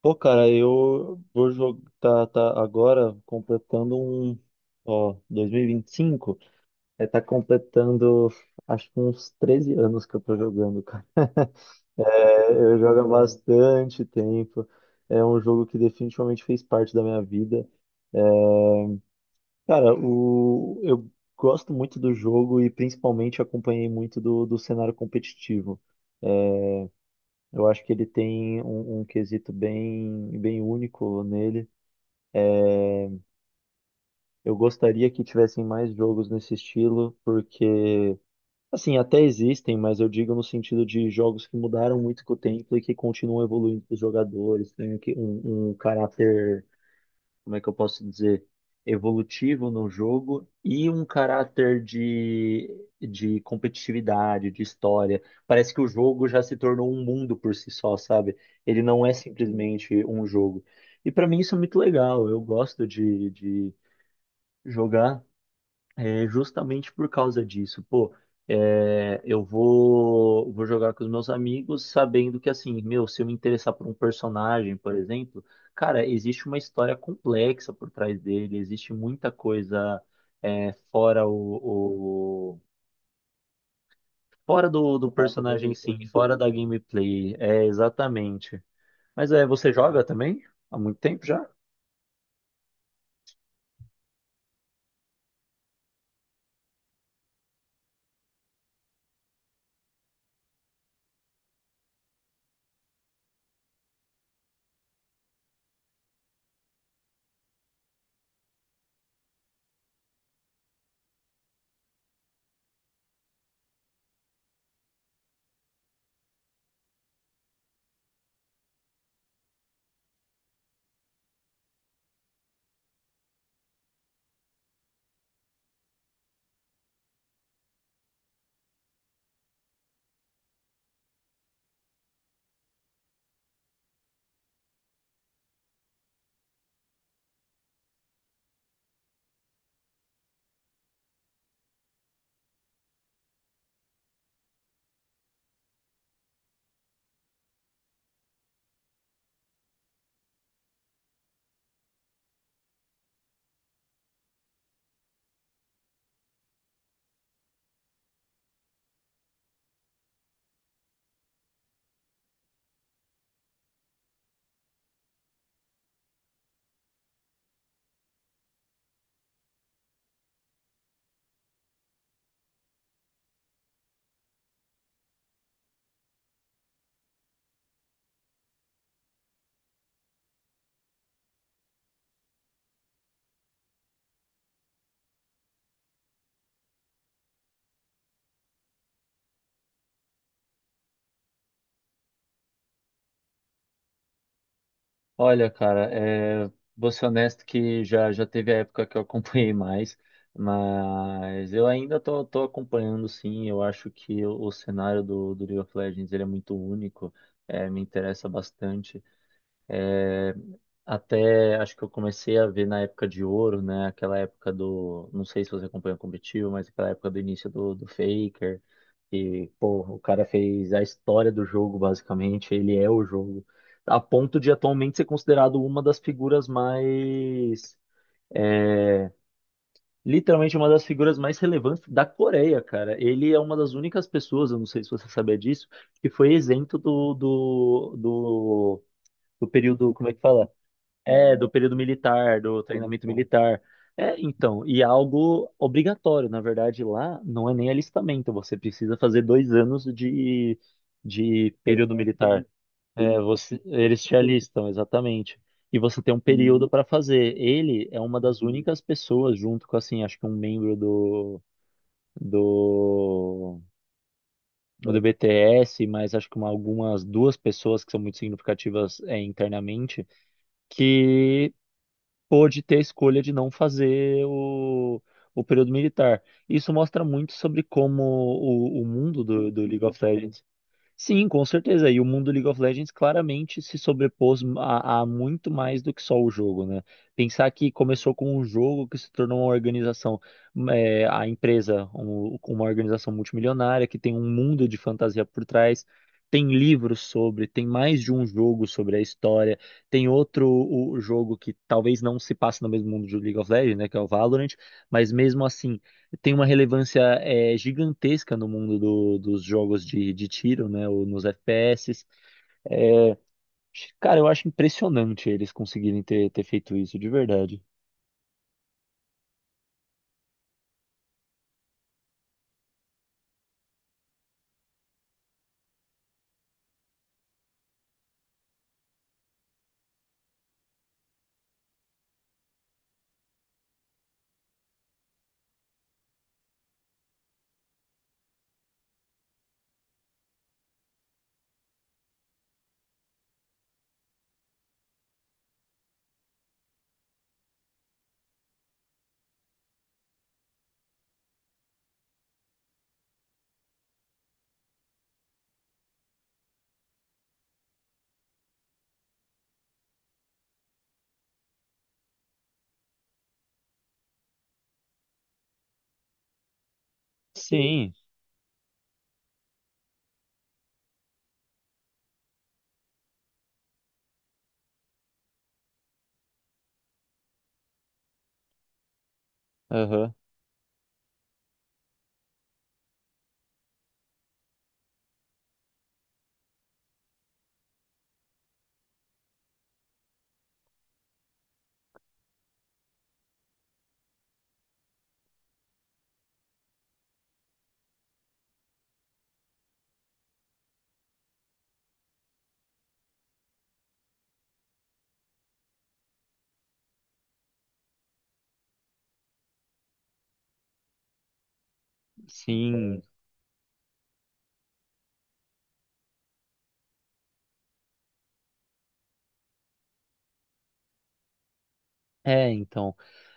Pô, cara, eu vou jogar tá agora completando um, ó, 2025, tá completando acho que uns 13 anos que eu tô jogando, cara. É, eu jogo há bastante tempo. É um jogo que definitivamente fez parte da minha vida. Cara, eu gosto muito do jogo e principalmente acompanhei muito do cenário competitivo. Eu acho que ele tem um quesito bem único nele. Eu gostaria que tivessem mais jogos nesse estilo, porque, assim, até existem, mas eu digo no sentido de jogos que mudaram muito com o tempo e que continuam evoluindo para os jogadores, tem aqui um caráter, como é que eu posso dizer, evolutivo no jogo e um caráter de competitividade, de história. Parece que o jogo já se tornou um mundo por si só, sabe? Ele não é simplesmente um jogo. E para mim isso é muito legal, eu gosto jogar é justamente por causa disso, pô, é, vou jogar com os meus amigos sabendo que, assim, meu, se eu me interessar por um personagem, por exemplo, cara, existe uma história complexa por trás dele, existe muita coisa é, fora fora do personagem, sim, fora da gameplay, é, exatamente. Mas é, você joga também? Há muito tempo já? Olha, cara, é, vou ser honesto que já teve a época que eu acompanhei mais, mas eu ainda tô acompanhando sim. Eu acho que o cenário do League of Legends ele é muito único, é, me interessa bastante. Eh, Até acho que eu comecei a ver na época de ouro, né? Aquela época do. Não sei se você acompanha o competitivo, mas aquela época do início do Faker. E, pô, o cara fez a história do jogo, basicamente. Ele é o jogo. A ponto de atualmente ser considerado uma das figuras mais. Literalmente uma das figuras mais relevantes da Coreia, cara. Ele é uma das únicas pessoas, eu não sei se você sabia disso, que foi isento do período, como é que fala? É, do período militar, do treinamento militar. É, então, e é algo obrigatório, na verdade, lá não é nem alistamento, você precisa fazer 2 anos de período militar. É, você, eles te alistam, exatamente. E você tem um período para fazer. Ele é uma das únicas pessoas, junto com, assim, acho que um membro do, do BTS, mas acho que uma- algumas duas pessoas que são muito significativas, é, internamente, que pôde ter a escolha de não fazer o período militar. Isso mostra muito sobre como o mundo do League of Legends. Sim, com certeza. E o mundo League of Legends claramente se sobrepôs a muito mais do que só o jogo, né? Pensar que começou com um jogo que se tornou uma organização, é, a empresa, um- uma organização multimilionária que tem um mundo de fantasia por trás, tem livros sobre, tem mais de um jogo sobre a história, tem outro o jogo que talvez não se passe no mesmo mundo do League of Legends, né? Que é o Valorant, mas mesmo assim tem uma relevância é, gigantesca no mundo do- dos jogos de tiro, né? Ou nos FPS. Cara, eu acho impressionante eles conseguirem ter feito isso, de verdade. Sim, aham, sim. É, então.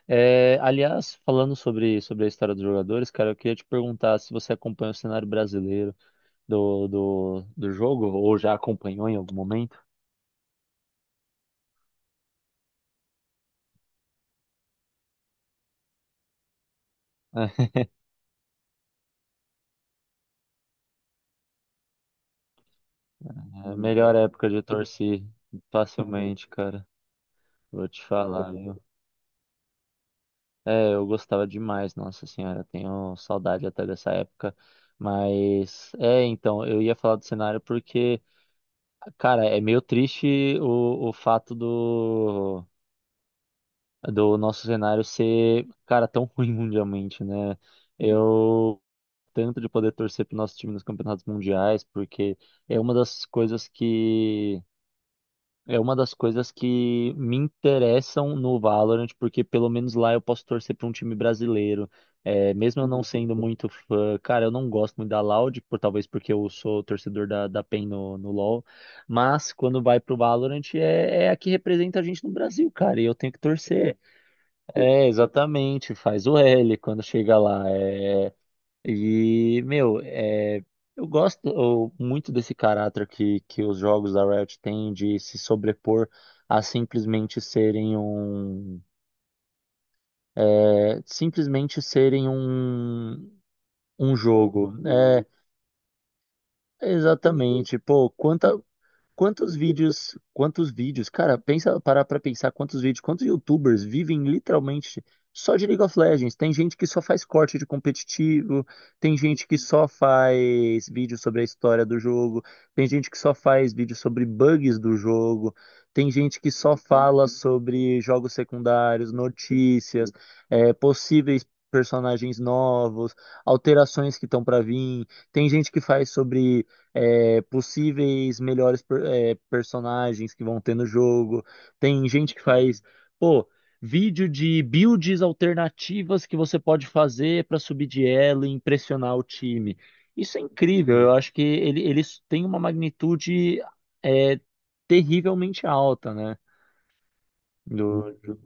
É, aliás, falando sobre a história dos jogadores, cara, eu queria te perguntar se você acompanha o cenário brasileiro do jogo, ou já acompanhou em algum momento? É, melhor época de torcer, facilmente, cara. Vou te falar. É, eu gostava demais, nossa senhora, tenho saudade até dessa época. Mas, é, então, eu ia falar do cenário porque, cara, é meio triste o fato do, do nosso cenário ser, cara, tão ruim mundialmente, né? Eu tanto de poder torcer pro nosso time nos campeonatos mundiais, porque é uma das coisas que é uma das coisas que me interessam no Valorant, porque pelo menos lá eu posso torcer para um time brasileiro. É, mesmo eu não sendo muito fã, cara, eu não gosto muito da Loud, por, talvez porque eu sou torcedor da PEN no LoL, mas quando vai pro Valorant é a que representa a gente no Brasil, cara, e eu tenho que torcer. É, exatamente, faz o L quando chega lá. É, meu, é, muito desse caráter que os jogos da Riot têm de se sobrepor a simplesmente serem um, é, simplesmente serem um, um jogo. É, exatamente. Quantos cara, pensa, parar pra pensar quantos quantos YouTubers vivem literalmente só de League of Legends. Tem gente que só faz corte de competitivo, tem gente que só faz vídeo sobre a história do jogo, tem gente que só faz vídeo sobre bugs do jogo, tem gente que só fala sobre jogos secundários, notícias, é, possíveis personagens novos, alterações que estão pra vir. Tem gente que faz sobre é, possíveis melhores personagens que vão ter no jogo. Tem gente que faz, pô, vídeo de builds alternativas que você pode fazer para subir de elo e impressionar o time. Isso é incrível, eu acho que ele tem uma magnitude é, terrivelmente alta, né? Do, do-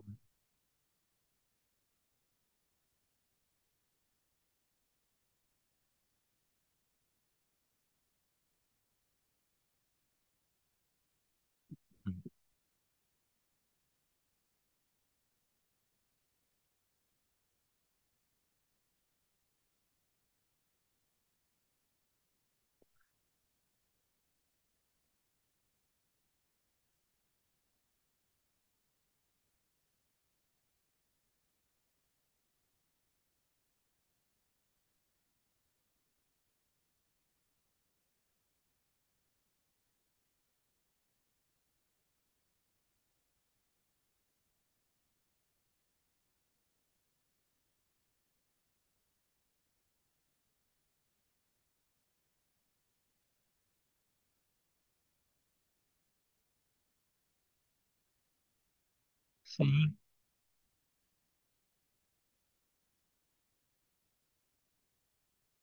Sim,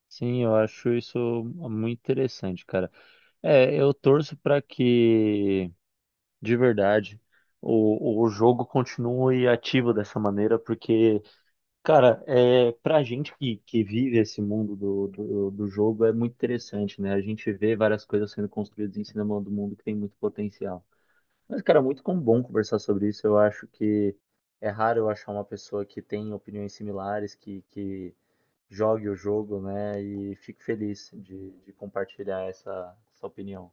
sim, eu acho isso muito interessante, cara. É, eu torço para que de verdade o jogo continue ativo dessa maneira, porque, cara, é, pra gente que vive esse mundo do jogo é muito interessante, né? A gente vê várias coisas sendo construídas em cima do mundo que tem muito potencial. Mas, cara, é muito bom conversar sobre isso. Eu acho que é raro eu achar uma pessoa que tem opiniões similares, que jogue o jogo, né? E fico feliz de compartilhar essa opinião.